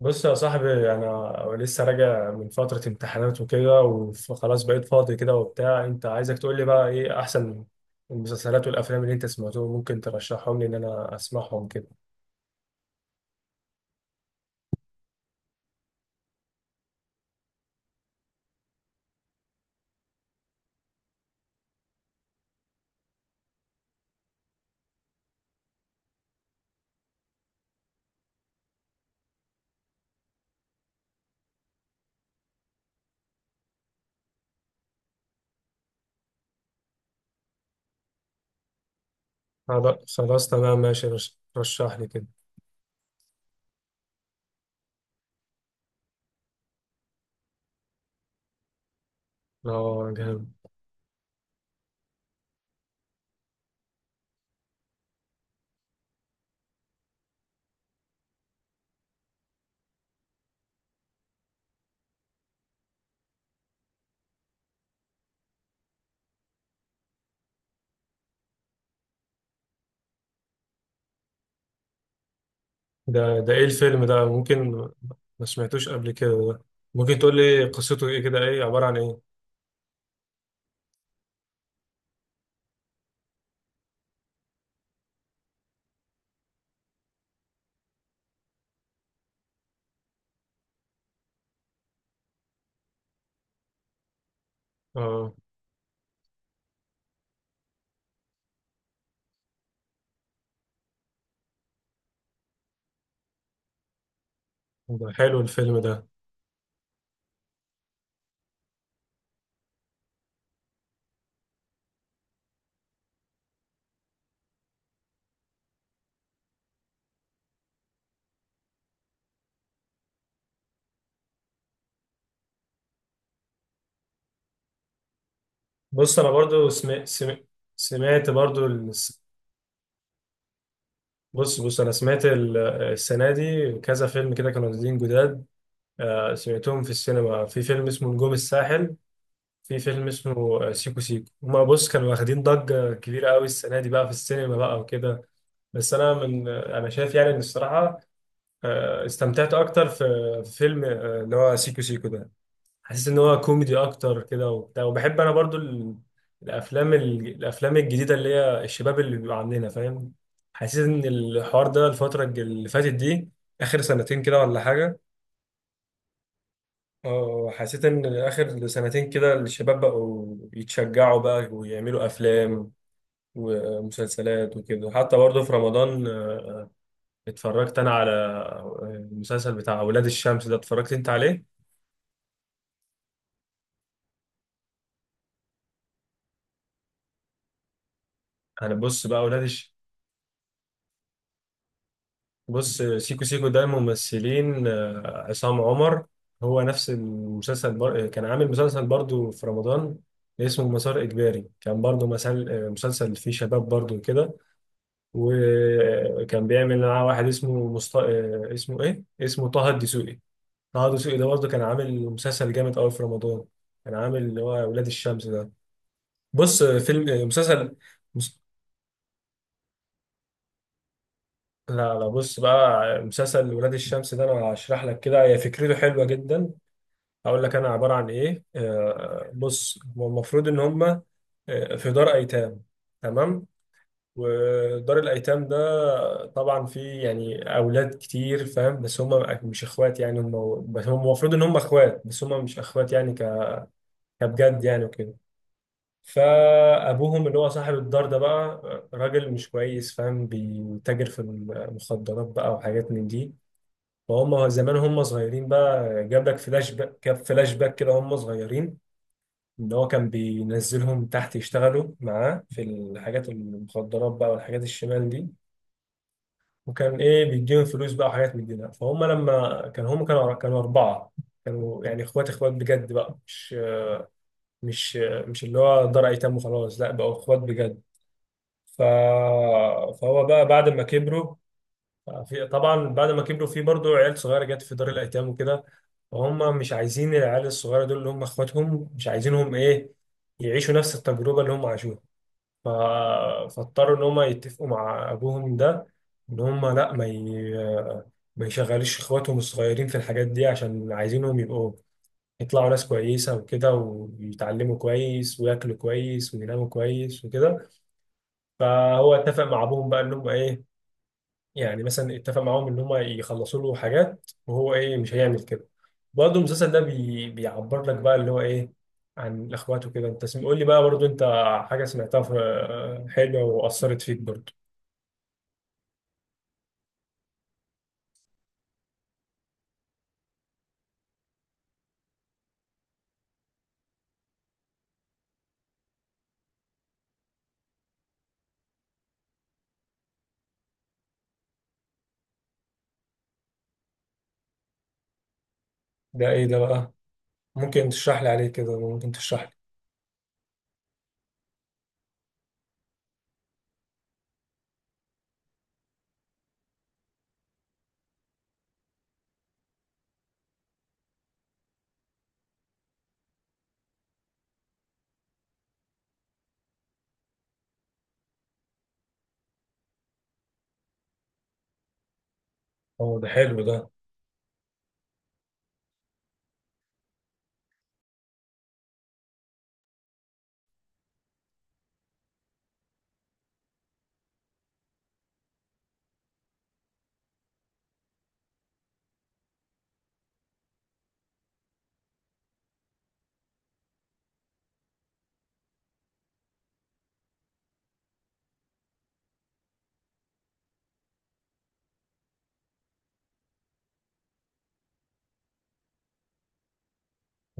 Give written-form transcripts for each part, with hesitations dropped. بص يا صاحبي، انا لسه راجع من فتره امتحانات وكده وخلاص بقيت فاضي كده وبتاع. انت عايزك تقول لي بقى ايه احسن المسلسلات والافلام اللي انت سمعتهم ممكن ترشحهم لي ان انا اسمعهم كده. خلاص تمام ماشي، رشح لي كده. اه جامد. ده ايه الفيلم ده؟ ممكن. ما سمعتوش قبل كده ده. ممكن تقول لي قصته ايه كده، ايه عباره عن ايه؟ اه ده حلو الفيلم ده. بص انا برضو سمعت، سمعت برضو. بص انا السنه دي كذا فيلم كده كانوا نازلين جداد. سمعتهم في السينما. في فيلم اسمه نجوم الساحل، في فيلم اسمه سيكو سيكو. هما بص كانوا واخدين ضجه كبيره قوي السنه دي بقى في السينما بقى وكده. بس انا من آه، انا شايف يعني ان الصراحه استمتعت اكتر في في فيلم اللي هو سيكو سيكو ده. حاسس ان هو كوميدي اكتر كده وبتاع. وبحب انا برضو الافلام الجديده اللي هي الشباب اللي بيبقى عندنا، فاهم. حاسس ان الحوار ده اللي فاتت دي، اخر سنتين كده ولا حاجه. اه حسيت ان اخر سنتين كده الشباب بقوا يتشجعوا بقى ويعملوا افلام ومسلسلات وكده. حتى برضو في رمضان اتفرجت انا على المسلسل بتاع اولاد الشمس ده، اتفرجت انت عليه؟ انا بص بقى اولاد الشمس. بص سيكو سيكو ده ممثلين عصام عمر. هو نفس المسلسل، كان عامل مسلسل برضو في رمضان اسمه مسار إجباري. كان برضو مسلسل فيه شباب برضو كده. وكان بيعمل معاه واحد اسمه مست... آه، اسمه إيه؟ اسمه طه الدسوقي. طه الدسوقي ده برضو كان عامل مسلسل جامد قوي في رمضان. كان عامل اللي هو ولاد الشمس ده. بص آه، فيلم آه، مسلسل. مس- لا لا بص بقى، مسلسل ولاد الشمس ده انا هشرح لك كده. هي فكرته حلوه جدا. هقول لك انا عباره عن ايه. بص هو المفروض ان هم في دار ايتام، تمام. ودار الايتام ده طبعا فيه يعني اولاد كتير، فاهم. بس هم مش اخوات يعني هم. بس هم المفروض ان هم اخوات بس هم مش اخوات يعني، كبجد يعني وكده. فابوهم اللي هو صاحب الدار ده بقى، راجل مش كويس، فاهم. بيتاجر في المخدرات بقى وحاجات من دي. فهم زمان هم صغيرين بقى. جاب فلاش باك كده هم صغيرين. ان هو كان بينزلهم تحت يشتغلوا معاه في الحاجات المخدرات بقى والحاجات الشمال دي. وكان ايه، بيديهم فلوس بقى وحاجات من دي ده. فهم لما كان هم كانوا اربعه. كانوا يعني اخوات، اخوات بجد بقى. مش مش اللي هو دار ايتام وخلاص، لا، بقوا اخوات بجد. ف... فهو بقى بعد ما كبروا، في طبعا بعد ما كبروا في برضه عيال صغيره جت في دار الايتام وكده. فهم مش عايزين العيال الصغيره دول، اللي هم اخواتهم، مش عايزينهم ايه يعيشوا نفس التجربه اللي هم عاشوها. ف- فاضطروا ان هم يتفقوا مع ابوهم ده ان هم لا ما يشغلوش اخواتهم الصغيرين في الحاجات دي، عشان عايزينهم يبقوا يطلعوا ناس كويسة وكده، ويتعلموا كويس وياكلوا كويس ويناموا كويس وكده. فهو اتفق مع ابوهم بقى انهم ايه، يعني مثلا اتفق معاهم ان هم يخلصوا له حاجات وهو ايه مش هيعمل كده. برضه المسلسل ده بيعبر لك بقى اللي هو ايه عن الاخوات وكده. انت قول لي بقى برضه انت حاجه سمعتها حلوه واثرت فيك برضه. ده ايه ده بقى؟ ممكن تشرح لي عليه كده، ممكن تشرح لي. اه ده حلو ده.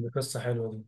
دي قصه حلوه دي.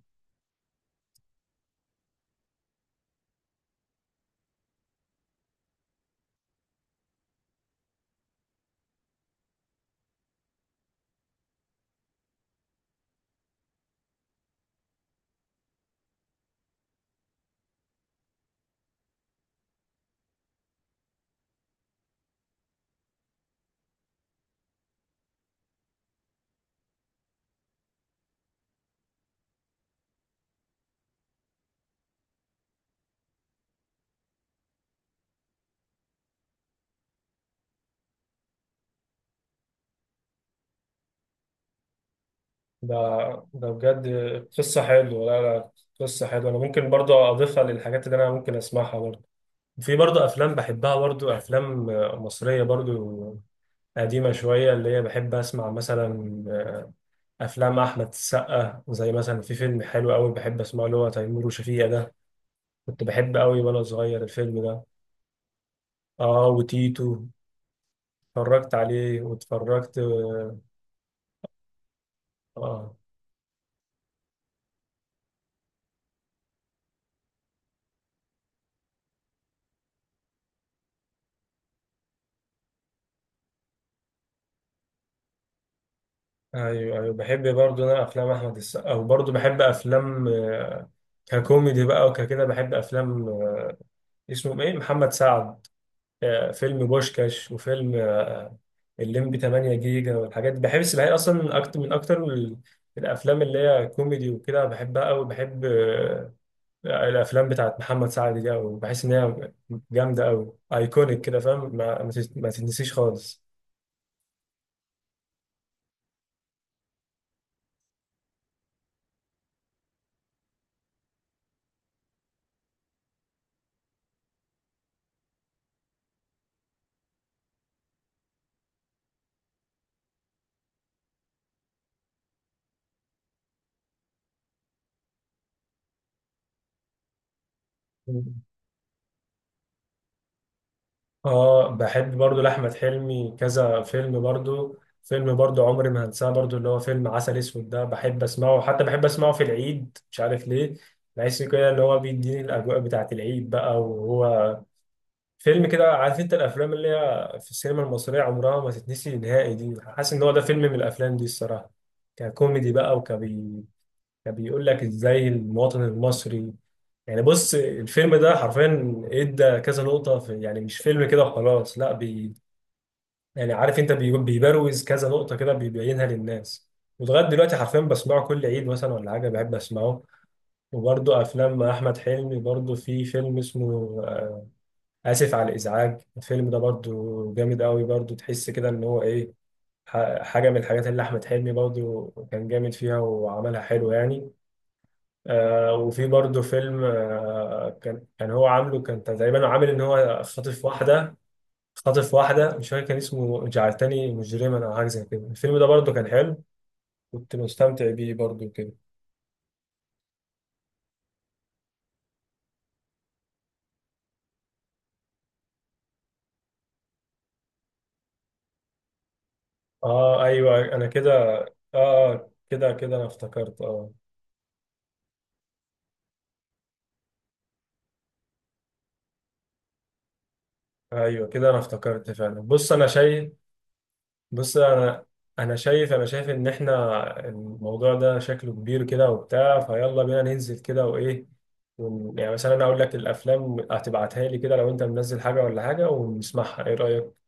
ده ده بجد قصه حلوه. لا لا قصه حلوه. انا ممكن برضه اضيفها للحاجات اللي انا ممكن اسمعها برضه. في برضه افلام بحبها، برضه افلام مصريه برضه قديمة شوية، اللي هي بحب أسمع مثلا أفلام أحمد السقا. زي مثلا في فيلم حلو أوي بحب أسمعه اللي هو تيمور وشفيقة ده. كنت بحب أوي وأنا صغير الفيلم ده. آه وتيتو. اتفرجت عليه واتفرجت آه. آه، أيوه أيوه بحب برضه أنا أفلام أحمد السقا. وبرضه بحب أفلام ككوميدي بقى وككده، بحب أفلام اسمه إيه محمد سعد. فيلم بوشكاش وفيلم الليمبي 8 جيجا والحاجات دي. بحب السباحين اصلا اكتر، من اكتر الافلام اللي هي كوميدي وكده، بحبها قوي. بحب الافلام بتاعت محمد سعد دي قوي، بحس ان هي جامده قوي ايكونيك كده، فاهم. ما تتنسيش خالص. مم. اه بحب برضو لاحمد حلمي كذا فيلم برضو. فيلم برضو عمري ما هنساه برضو اللي هو فيلم عسل اسود ده. بحب اسمعه حتى، بحب اسمعه في العيد مش عارف ليه. بحس كده اللي هو بيديني الاجواء بتاعت العيد بقى. وهو فيلم كده، عارف انت الافلام اللي هي في السينما المصريه عمرها ما تتنسي نهائي دي، حاسس ان هو ده فيلم من الافلام دي الصراحه. ككوميدي بقى، كبيقول لك ازاي المواطن المصري يعني. بص الفيلم ده حرفيا ادى كذا نقطه في يعني، مش فيلم كده وخلاص لا، يعني عارف انت بيبروز كذا نقطه كده، بيبينها للناس. ولغايه دلوقتي حرفيا بسمعه كل عيد مثلا ولا حاجه، بحب اسمعه. وبرضه افلام احمد حلمي برضه في فيلم اسمه آه، آسف على الإزعاج. الفيلم ده برضو جامد قوي برضو. تحس كده إن هو إيه، حاجة من الحاجات اللي أحمد حلمي برضو كان جامد فيها وعملها حلو يعني. آه وفي برضو فيلم آه كان هو عامله، كان تقريبا عامل إن هو خاطف واحدة. خاطف واحدة، مش فاكر كان اسمه جعلتني مجرما أو حاجة زي كده. الفيلم ده برضو كان حلو، كنت مستمتع بيه برضو كده. آه أيوه أنا كده آه. كده كده أنا افتكرت آه. ايوه كده انا افتكرت فعلا. بص انا شايف بص انا انا شايف انا شايف ان احنا الموضوع ده شكله كبير كده وبتاع. فيلا بينا ننزل كده وايه، يعني مثلا انا اقول لك الافلام هتبعتها لي كده لو انت منزل حاجه ولا حاجه ونسمعها، ايه رايك؟